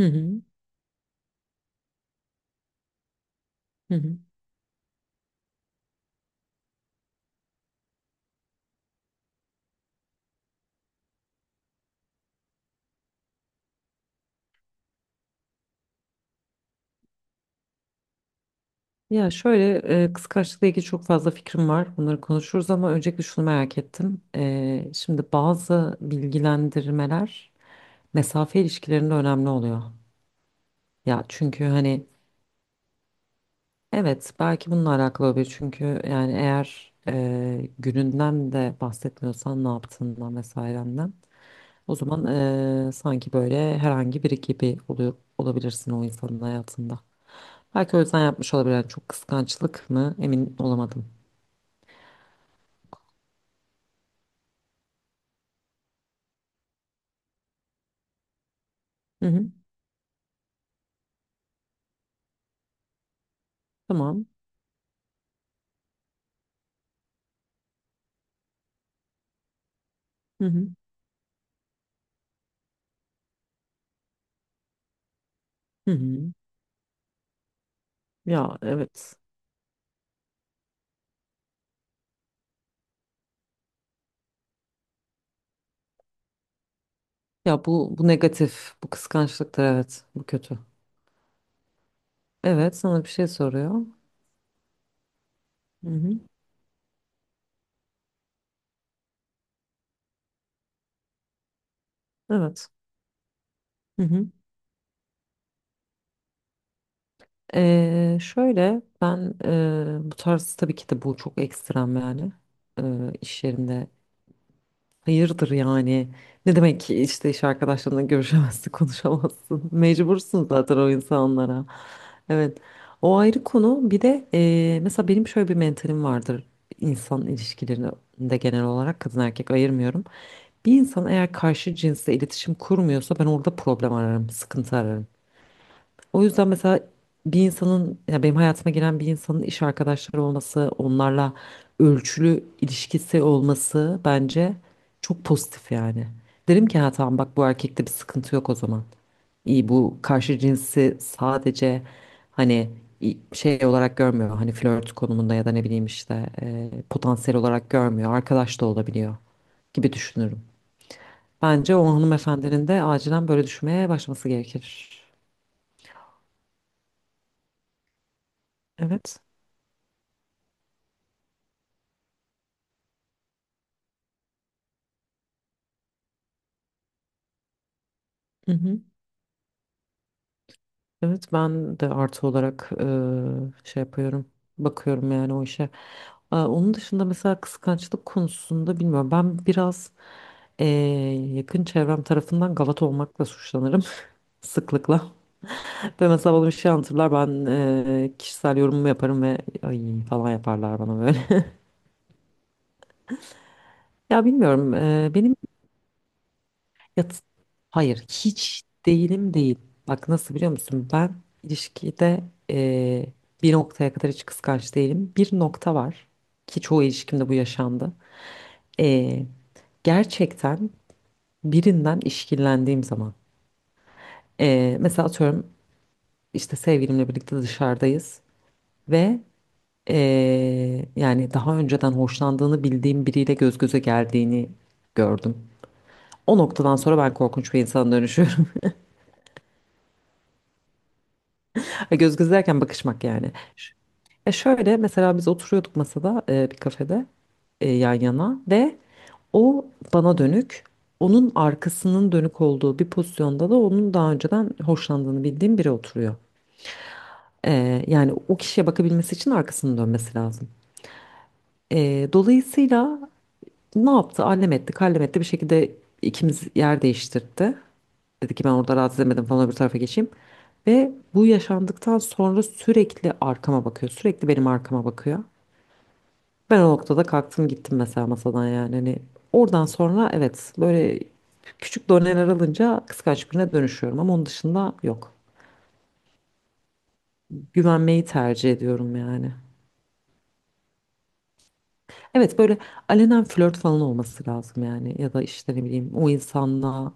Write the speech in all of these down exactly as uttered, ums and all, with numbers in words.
Hı hı, hı hı. Ya şöyle e, kıskançlıkla ilgili çok fazla fikrim var. Bunları konuşuruz ama öncelikle şunu merak ettim. E, şimdi bazı bilgilendirmeler mesafe ilişkilerinde önemli oluyor. Ya çünkü hani evet belki bununla alakalı olabilir. Çünkü yani eğer e, gününden de bahsetmiyorsan ne yaptığından vesairenden o zaman e, sanki böyle herhangi biri gibi oluyor, olabilirsin o insanın hayatında. Belki o yüzden yapmış olabilir. Yani çok kıskançlık mı emin olamadım. Hı hı. Tamam. Hı hı. Hı hı. Ya evet. Ya bu bu negatif, bu kıskançlıktır, evet. Bu kötü. Evet, sana bir şey soruyor. Hı hı. Evet. Hı hı. Ee, şöyle ben, e, bu tarz tabii ki de bu çok ekstrem yani. Ee, iş yerinde hayırdır yani? Ne demek ki işte iş arkadaşlarına görüşemezsin, konuşamazsın. Mecbursun zaten o insanlara. Evet. O ayrı konu. Bir de eee, mesela benim şöyle bir mentalim vardır. İnsan ilişkilerinde genel olarak kadın erkek ayırmıyorum. Bir insan eğer karşı cinsle iletişim kurmuyorsa ben orada problem ararım, sıkıntı ararım. O yüzden mesela bir insanın ya benim hayatıma giren bir insanın iş arkadaşları olması, onlarla ölçülü ilişkisi olması bence çok pozitif yani. Derim ki ha tamam, bak bu erkekte bir sıkıntı yok o zaman. İyi, bu karşı cinsi sadece hani i- şey olarak görmüyor. Hani flört konumunda ya da ne bileyim işte e, potansiyel olarak görmüyor. Arkadaş da olabiliyor gibi düşünürüm. Bence o hanımefendinin de acilen böyle düşünmeye başlaması gerekir. Evet. Hı hı. Evet, ben de artı olarak e, şey yapıyorum. Bakıyorum yani o işe. E, onun dışında mesela kıskançlık konusunda bilmiyorum. Ben biraz e, yakın çevrem tarafından gavat olmakla suçlanırım sıklıkla. Ve mesela bana bir şey anlatırlar, ben e, kişisel yorumumu yaparım ve ay falan yaparlar bana böyle. Ya bilmiyorum, e, benim Ya t- hayır, hiç değilim değil. Bak nasıl, biliyor musun? Ben ilişkide eee, bir noktaya kadar hiç kıskanç değilim. Bir nokta var ki çoğu ilişkimde bu yaşandı. Eee, Gerçekten birinden işkillendiğim zaman. Eee, mesela atıyorum işte sevgilimle birlikte dışarıdayız ve eee, yani daha önceden hoşlandığını bildiğim biriyle göz göze geldiğini gördüm. O noktadan sonra ben korkunç bir insana dönüşüyorum. Göz göze derken bakışmak yani. E şöyle, mesela biz oturuyorduk masada, e, bir kafede, e, yan yana ve o bana dönük, onun arkasının dönük olduğu bir pozisyonda da onun daha önceden hoşlandığını bildiğim biri oturuyor. E, yani o kişiye bakabilmesi için arkasını dönmesi lazım. E, dolayısıyla ne yaptı? Allem etti, kallem etti, bir şekilde ikimiz yer değiştirdi. Dedi ki ben orada rahatsız edemedim falan, öbür tarafa geçeyim. Ve bu yaşandıktan sonra sürekli arkama bakıyor, sürekli benim arkama bakıyor. Ben o noktada kalktım gittim mesela masadan yani. Hani oradan sonra, evet, böyle küçük doneler alınca kıskanç birine dönüşüyorum ama onun dışında yok. Güvenmeyi tercih ediyorum yani. Evet, böyle alenen flört falan olması lazım yani ya da işte ne bileyim o insanla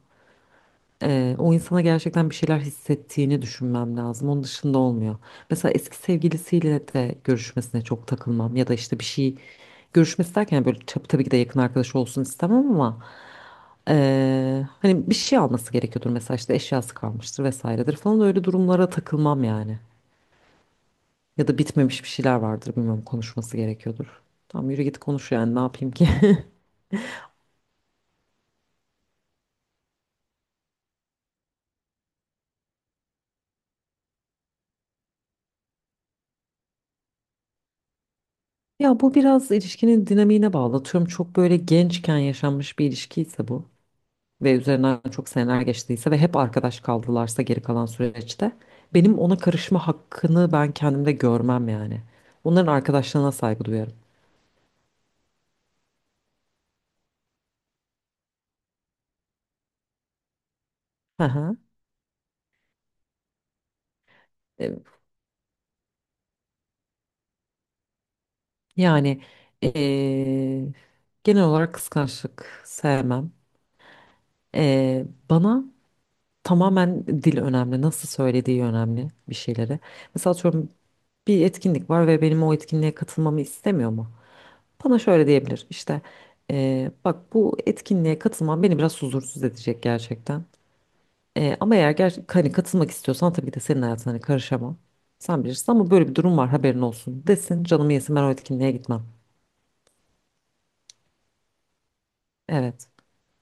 Ee, o insana gerçekten bir şeyler hissettiğini düşünmem lazım. Onun dışında olmuyor. Mesela eski sevgilisiyle de görüşmesine çok takılmam ya da işte bir şey, görüşmesi derken böyle tab- tabii ki de yakın arkadaş olsun istemem ama ee, hani bir şey alması gerekiyordur mesela, işte eşyası kalmıştır vesairedir falan, öyle durumlara takılmam yani. Ya da bitmemiş bir şeyler vardır, bilmiyorum, konuşması gerekiyordur. Tamam, yürü git konuş yani, ne yapayım ki? Ya bu biraz ilişkinin dinamiğine bağlı. Atıyorum çok böyle gençken yaşanmış bir ilişkiyse bu ve üzerinden çok seneler geçtiyse ve hep arkadaş kaldılarsa geri kalan süreçte benim ona karışma hakkını ben kendimde görmem yani. Onların arkadaşlığına saygı duyarım. Hı hı. E, Yani e, genel olarak kıskançlık sevmem. E, bana tamamen dil önemli, nasıl söylediği önemli bir şeyleri. Mesela atıyorum bir etkinlik var ve benim o etkinliğe katılmamı istemiyor mu? Bana şöyle diyebilir işte: eee, bak bu etkinliğe katılman beni biraz huzursuz edecek gerçekten. Eee, ama eğer ger hani katılmak istiyorsan tabii ki de senin hayatına hani karışamam. Sen bilirsin ama böyle bir durum var, haberin olsun desin, canımı yesin, ben o etkinliğe gitmem. Evet,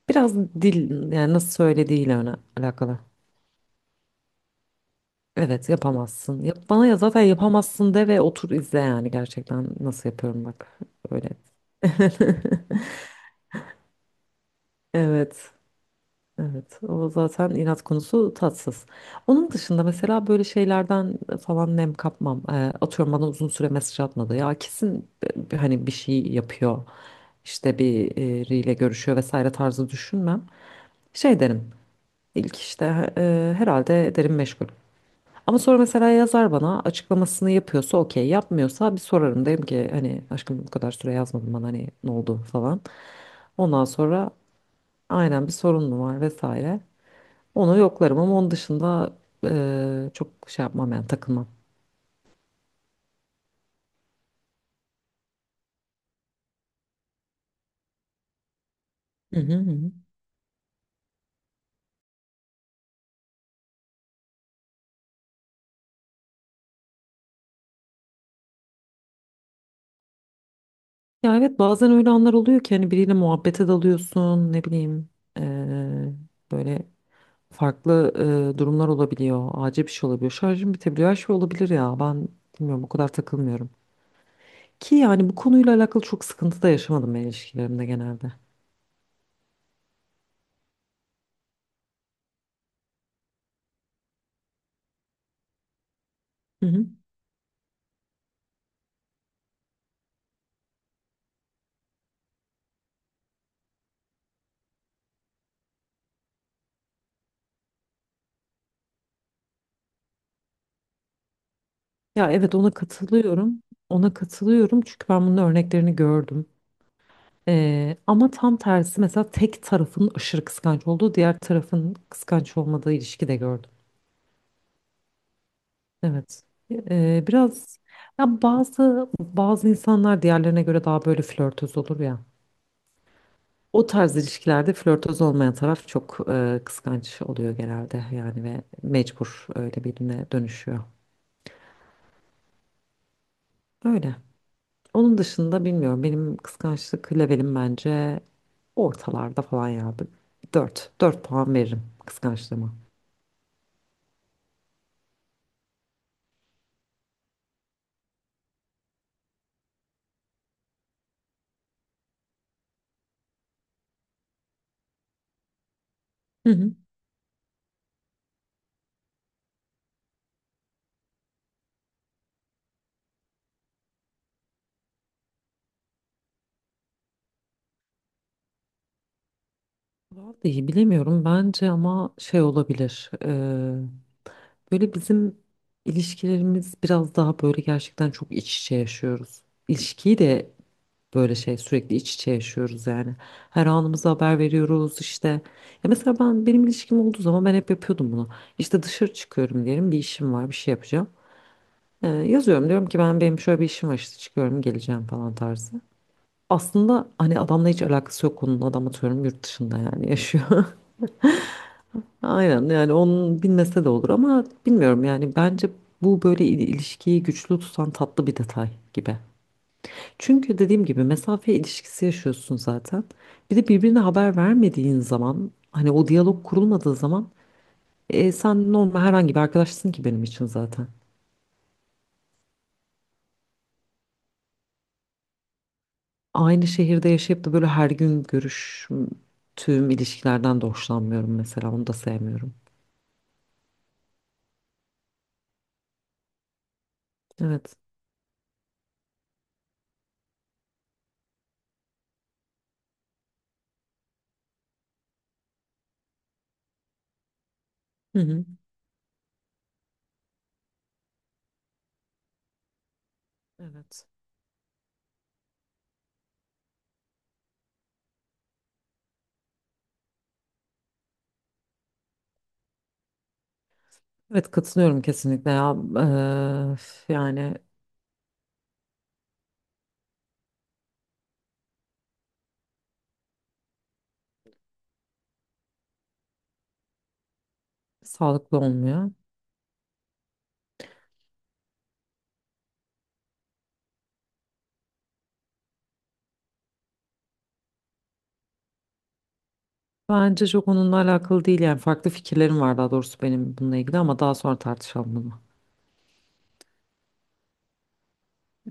biraz dil yani nasıl söylediğiyle öne alakalı. Evet yapamazsın. Yap bana ya, zaten yapamazsın de ve otur izle yani gerçekten nasıl yapıyorum, bak öyle. Evet. Evet, o zaten inat konusu, tatsız. Onun dışında mesela böyle şeylerden e, falan nem kapmam. Ee, atıyorum bana uzun süre mesaj atmadı. Ya kesin, e, bir- hani bir şey yapıyor. İşte biriyle görüşüyor vesaire tarzı düşünmem. Şey derim. İlk işte e, herhalde derim meşgul. Ama sonra mesela yazar bana, açıklamasını yapıyorsa okey, yapmıyorsa bir sorarım. Derim ki hani aşkım bu kadar süre yazmadın bana, hani ne oldu falan. Ondan sonra aynen, bir sorun mu var vesaire. Onu yoklarım ama onun dışında eee, çok şey yapmam yani, takılmam. Hı hı hı. Hı. Ya evet bazen öyle anlar oluyor ki hani biriyle muhabbete dalıyorsun, ne bileyim, eee, böyle farklı eee, durumlar olabiliyor. Acil bir şey olabiliyor. Şarjım bitebiliyor. Her şey olabilir ya. Ben bilmiyorum, o kadar takılmıyorum. Ki yani bu konuyla alakalı çok sıkıntı da yaşamadım ben ilişkilerimde genelde. Hı hı. Ya evet, ona katılıyorum. Ona katılıyorum çünkü ben bunun örneklerini gördüm. Ee, ama tam tersi, mesela tek tarafın aşırı kıskanç olduğu, diğer tarafın kıskanç olmadığı ilişki de gördüm. Evet. Ee, biraz ya bazı bazı insanlar diğerlerine göre daha böyle flörtöz olur ya. O tarz ilişkilerde flörtöz olmayan taraf çok e, kıskanç oluyor genelde yani ve mecbur öyle birine dönüşüyor. Öyle. Onun dışında bilmiyorum, benim kıskançlık levelim bence ortalarda falan ya. Dört. Dört puan veririm kıskançlığıma. Hı hı. Vallahi bilemiyorum, bence ama şey olabilir. Eee, böyle bizim ilişkilerimiz biraz daha böyle gerçekten çok iç içe yaşıyoruz. İlişkiyi de böyle şey, sürekli iç içe yaşıyoruz yani. Her anımıza haber veriyoruz işte. Ya mesela ben benim ilişkim olduğu zaman ben hep yapıyordum bunu. İşte dışarı çıkıyorum diyelim, bir işim var, bir şey yapacağım. Eee, yazıyorum, diyorum ki ben benim şöyle bir işim var işte, çıkıyorum, geleceğim falan tarzı. Aslında hani adamla hiç alakası yok konunun, adam atıyorum yurt dışında yani yaşıyor. Aynen yani, onun bilmese de olur ama bilmiyorum yani bence bu böyle il- ilişkiyi güçlü tutan tatlı bir detay gibi. Çünkü dediğim gibi mesafe ilişkisi yaşıyorsun zaten. Bir de birbirine haber vermediğin zaman hani o diyalog kurulmadığı zaman e, sen normal herhangi bir arkadaşsın ki benim için zaten. Aynı şehirde yaşayıp da böyle her gün görüştüğüm ilişkilerden de hoşlanmıyorum mesela, onu da sevmiyorum. Evet. Hı hı. Evet. Evet, katılıyorum kesinlikle ya. Eee, yani sağlıklı olmuyor. Bence çok onunla alakalı değil yani, farklı fikirlerim var daha doğrusu benim bununla ilgili ama daha sonra tartışalım bunu.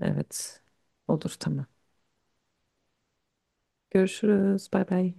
Evet. Olur, tamam. Görüşürüz. Bay bay.